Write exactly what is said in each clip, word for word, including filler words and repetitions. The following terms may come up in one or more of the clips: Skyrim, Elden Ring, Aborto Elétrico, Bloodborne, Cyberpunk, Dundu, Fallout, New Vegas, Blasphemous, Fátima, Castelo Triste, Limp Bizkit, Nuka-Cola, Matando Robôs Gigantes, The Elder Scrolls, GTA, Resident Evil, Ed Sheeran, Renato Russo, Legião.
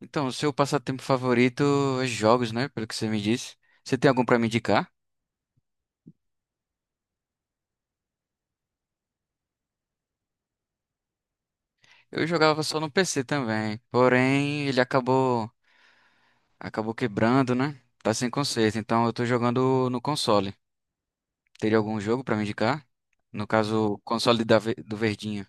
Então, o seu passatempo favorito é jogos, né? Pelo que você me disse. Você tem algum pra me indicar? Eu jogava só no P C também, porém ele acabou acabou quebrando, né? Tá sem conserto, então eu tô jogando no console. Teria algum jogo pra me indicar? No caso, o console da ve- do Verdinho.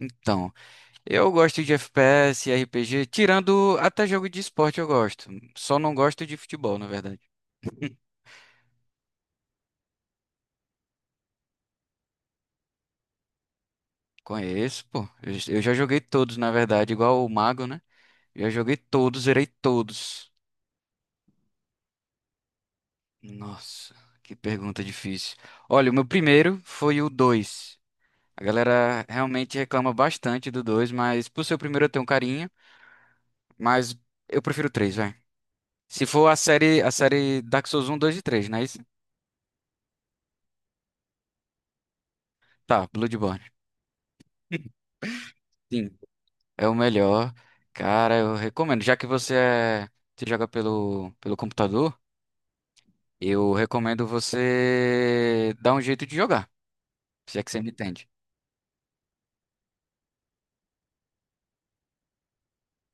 Então, eu gosto de F P S, R P G, tirando até jogo de esporte eu gosto. Só não gosto de futebol, na verdade. Conheço, pô. Eu eu já joguei todos, na verdade, igual o Mago, né? Já joguei todos, zerei todos. Nossa, que pergunta difícil. Olha, o meu primeiro foi o dois. A galera realmente reclama bastante do dois, mas por ser o primeiro eu tenho um carinho, mas eu prefiro o três, vai. Se for a série, a série Dark Souls um, dois e três, não é isso? Tá, Bloodborne. Sim, é o melhor. Cara, eu recomendo. Já que você é, você joga pelo, pelo computador, eu recomendo você dar um jeito de jogar, se é que você me entende.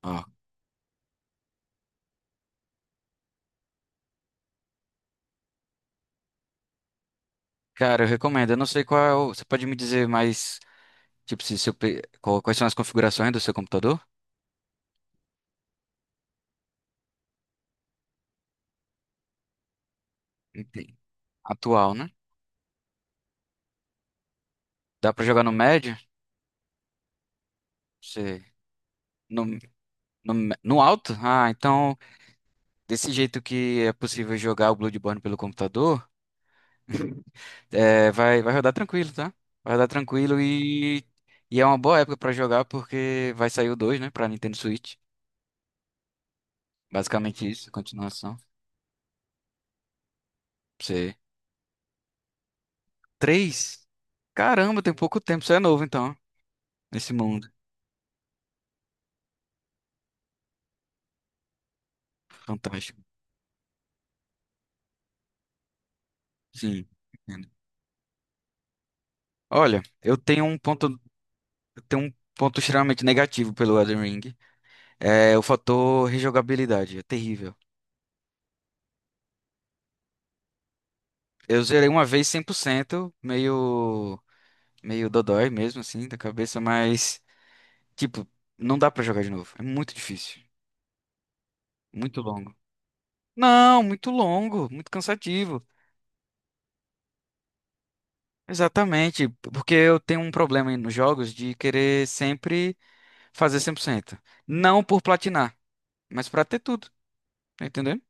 Ó, cara, eu recomendo. Eu não sei qual é o- Você pode me dizer mais. Tipo, se, se eu pe- qual- quais são as configurações do seu computador? Entendi. Atual, né? Dá pra jogar no médio? Você... No, no, me- no alto? Ah, então, desse jeito que é possível jogar o Bloodborne pelo computador, é, vai, vai rodar tranquilo, tá? Vai rodar tranquilo e, e é uma boa época pra jogar porque vai sair o dois, né? Pra Nintendo Switch. Basicamente isso, a continuação. Você... três. Caramba, tem pouco tempo. Você é novo, então, nesse mundo fantástico. Sim. Olha, eu tenho um ponto, tenho um ponto extremamente negativo pelo Elden Ring. É o fator rejogabilidade, é terrível. Eu zerei uma vez cem por cento, meio meio dodói mesmo assim da cabeça, mas tipo, não dá pra jogar de novo. É muito difícil, muito longo. Não, muito longo, muito cansativo. Exatamente, porque eu tenho um problema nos jogos de querer sempre fazer cem por cento. Não por platinar, mas pra ter tudo, tá entendendo?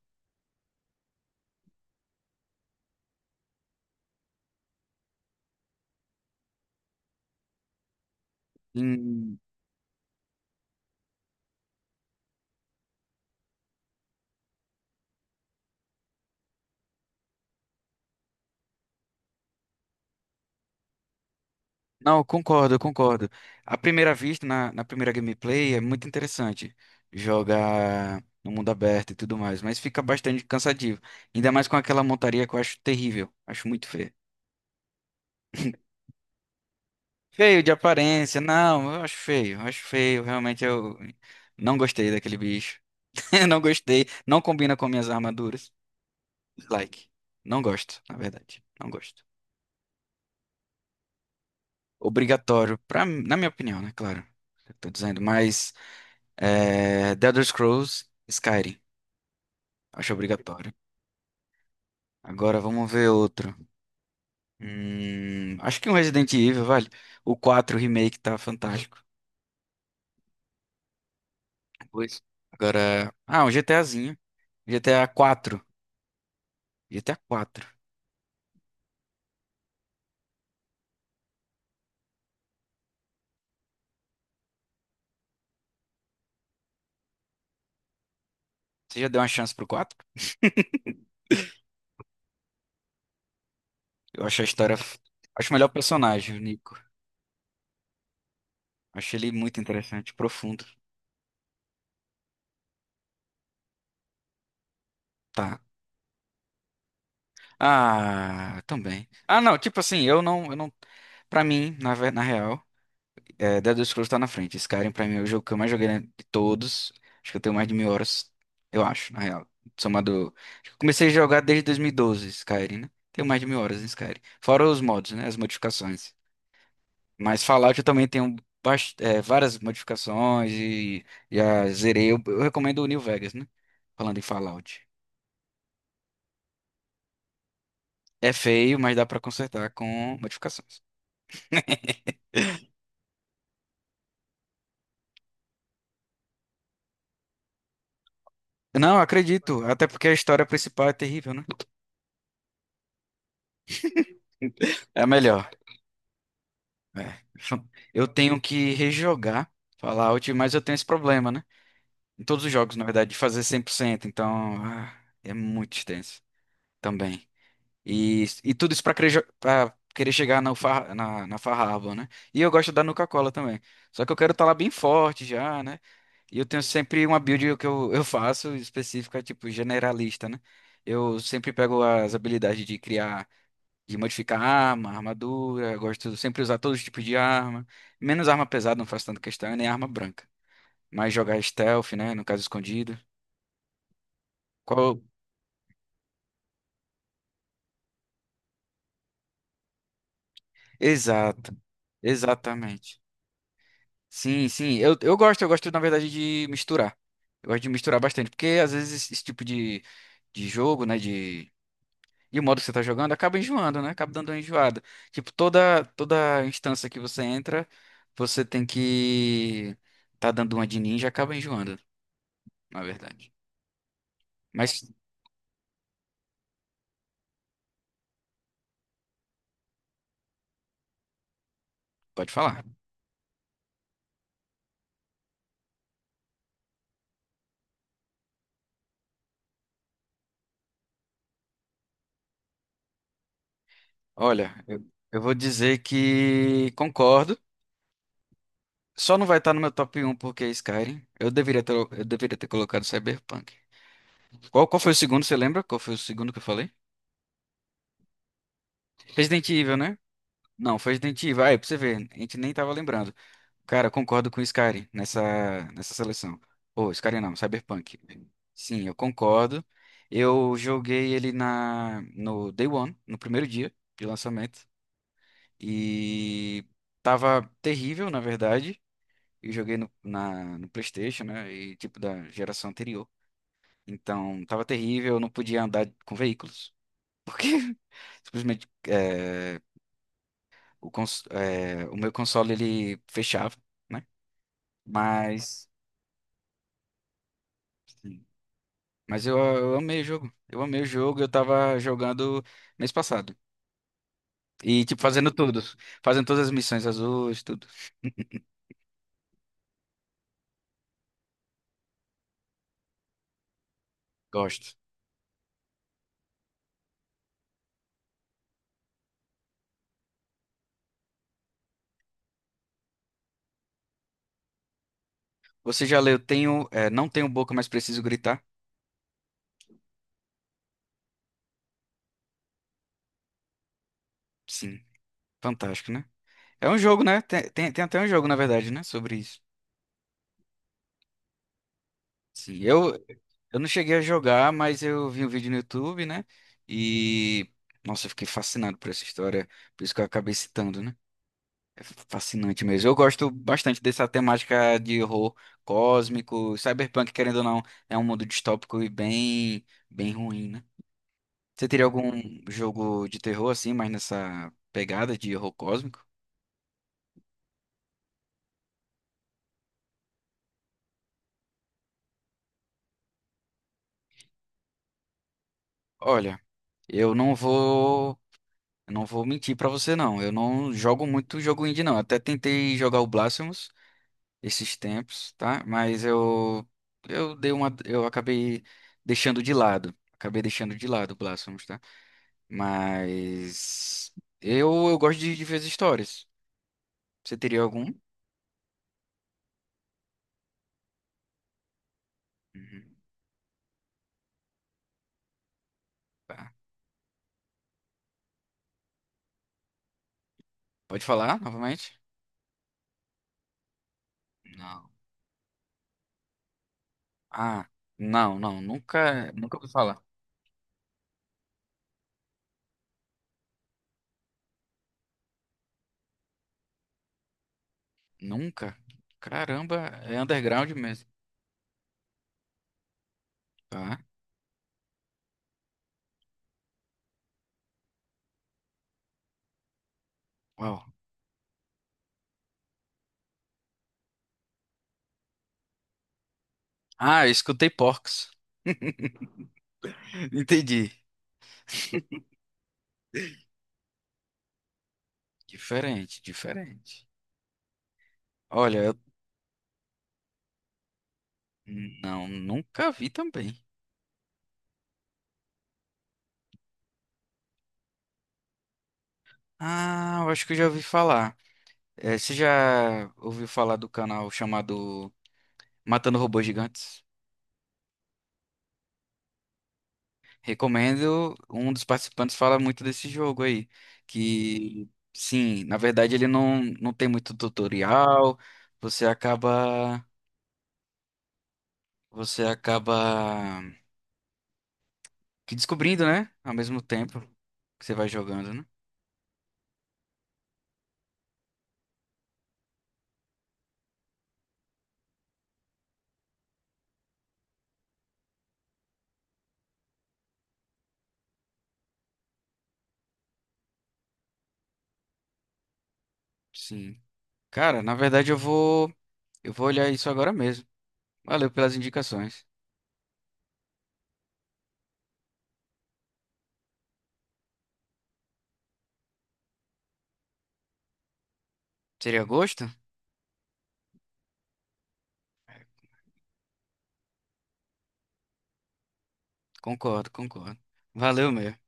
Não, concordo, eu concordo. À primeira vista, na, na primeira gameplay, é muito interessante jogar no mundo aberto e tudo mais, mas fica bastante cansativo. Ainda mais com aquela montaria que eu acho terrível, acho muito feio. Feio de aparência, não, eu acho feio, eu acho feio, realmente eu não gostei daquele bicho. Eu não gostei, não combina com minhas armaduras. Like, não gosto, na verdade, não gosto. Obrigatório, pra, na minha opinião, né, claro. Eu tô dizendo, mas. É, The Elder Scrolls, Skyrim. Acho obrigatório. Agora vamos ver outro. Hum, acho que um Resident Evil, vale. O quatro Remake tá fantástico. Pois. Agora. Ah, um GTAzinho. G T A quatro. G T A quatro. G T A quatro. Você já deu uma chance pro quatro? Eu acho a história. F- Acho o melhor personagem, o Nico. Acho ele muito interessante, profundo. Tá. Ah, também. Ah, não, tipo assim, eu não, eu não, pra mim, na, ve- na real. É, Elder Scrolls tá na frente. Skyrim, pra mim, é o jogo que eu mais joguei, né, de todos. Acho que eu tenho mais de mil horas, eu acho, na real. Somado. Acho que eu comecei a jogar desde dois mil e doze, Skyrim, né? Tenho mais de mil horas em Skyrim. Fora os mods, né? As modificações. Mas Fallout eu também tenho bast- é, várias modificações e já zerei. Eu, eu recomendo o New Vegas, né? Falando em Fallout. É feio, mas dá pra consertar com modificações. Não, acredito. Até porque a história principal é terrível, né? É a melhor. É. Eu tenho que rejogar Fallout, mas eu tenho esse problema, né? Em todos os jogos, na verdade, de fazer cem por cento então ah, é muito extenso também. E, e tudo isso pra querer, jo- pra querer chegar no far- na, na Farhabla, né? E eu gosto da Nuka-Cola também. Só que eu quero estar lá bem forte já, né? E eu tenho sempre uma build que eu, eu faço específica, tipo, generalista, né? Eu sempre pego as habilidades de criar de modificar arma, armadura, gosto de sempre usar todos os tipos de arma, menos arma pesada, não faço tanta questão, e nem arma branca, mas jogar stealth, né, no caso escondido. Qual? Exato. Exatamente. Sim, sim, eu, eu gosto, eu gosto na verdade de misturar. Eu gosto de misturar bastante, porque às vezes esse esse tipo de, de jogo, né, de e o modo que você tá jogando acaba enjoando, né? Acaba dando uma enjoada. Tipo, toda toda instância que você entra, você tem que tá dando uma de ninja, acaba enjoando. Na verdade. Mas pode falar. Olha, eu, eu vou dizer que concordo. Só não vai estar no meu top um porque é Skyrim. Eu deveria ter, eu deveria ter colocado Cyberpunk. Qual, qual foi o segundo, você lembra? Qual foi o segundo que eu falei? Resident Evil, né? Não, foi Resident Evil. Aí é pra você ver, a gente nem tava lembrando. Cara, eu concordo com o Skyrim nessa, nessa seleção. Ô, Skyrim não, Cyberpunk. Sim, eu concordo. Eu joguei ele na, no Day One, no primeiro dia de lançamento. E tava terrível, na verdade. Eu joguei no, na, no PlayStation, né? E tipo da geração anterior. Então tava terrível, eu não podia andar com veículos. Porque simplesmente é, o, cons- é, o meu console ele fechava, né? Mas, sim. Mas eu, eu amei o jogo. Eu amei o jogo, eu tava jogando mês passado. E tipo, fazendo tudo. Fazendo todas as missões azuis, tudo. Gosto. Você já leu? Tenho, é, não tenho boca, mas preciso gritar. Sim, fantástico, né? É um jogo, né? Tem, tem, tem até um jogo, na verdade, né? Sobre isso. Sim, eu, eu não cheguei a jogar, mas eu vi um vídeo no YouTube, né? E, nossa, eu fiquei fascinado por essa história, por isso que eu acabei citando, né? É fascinante mesmo. Eu gosto bastante dessa temática de horror cósmico, cyberpunk, querendo ou não, é um mundo distópico e bem, bem ruim, né? Você teria algum jogo de terror assim, mas nessa pegada de horror cósmico? Olha, eu não vou Eu não vou mentir pra você, não. Eu não jogo muito jogo indie, não. Até tentei jogar o Blasphemous esses tempos, tá? Mas eu eu dei uma eu acabei deixando de lado. Acabei deixando de lado o Blasphemous, tá? Mas eu, eu gosto de, de ver as histórias. Você teria algum? Uhum. Tá. Pode falar novamente? Não. Ah, não, não. Nunca, nunca ouvi falar. Nunca? Caramba, é underground mesmo. Tá. Uau. Ah, eu escutei Porcs. Entendi. Diferente, diferente. Olha, eu não, nunca vi também. Ah, eu acho que eu já ouvi falar. Eh, você já ouviu falar do canal chamado Matando Robôs Gigantes? Recomendo. Um dos participantes fala muito desse jogo aí. Que, sim, na verdade ele não, não tem muito tutorial. Você acaba. Você acaba que descobrindo, né? Ao mesmo tempo que você vai jogando, né? Sim. Cara, na verdade eu vou eu vou olhar isso agora mesmo. Valeu pelas indicações. Seria gosto? Concordo, concordo. Valeu mesmo.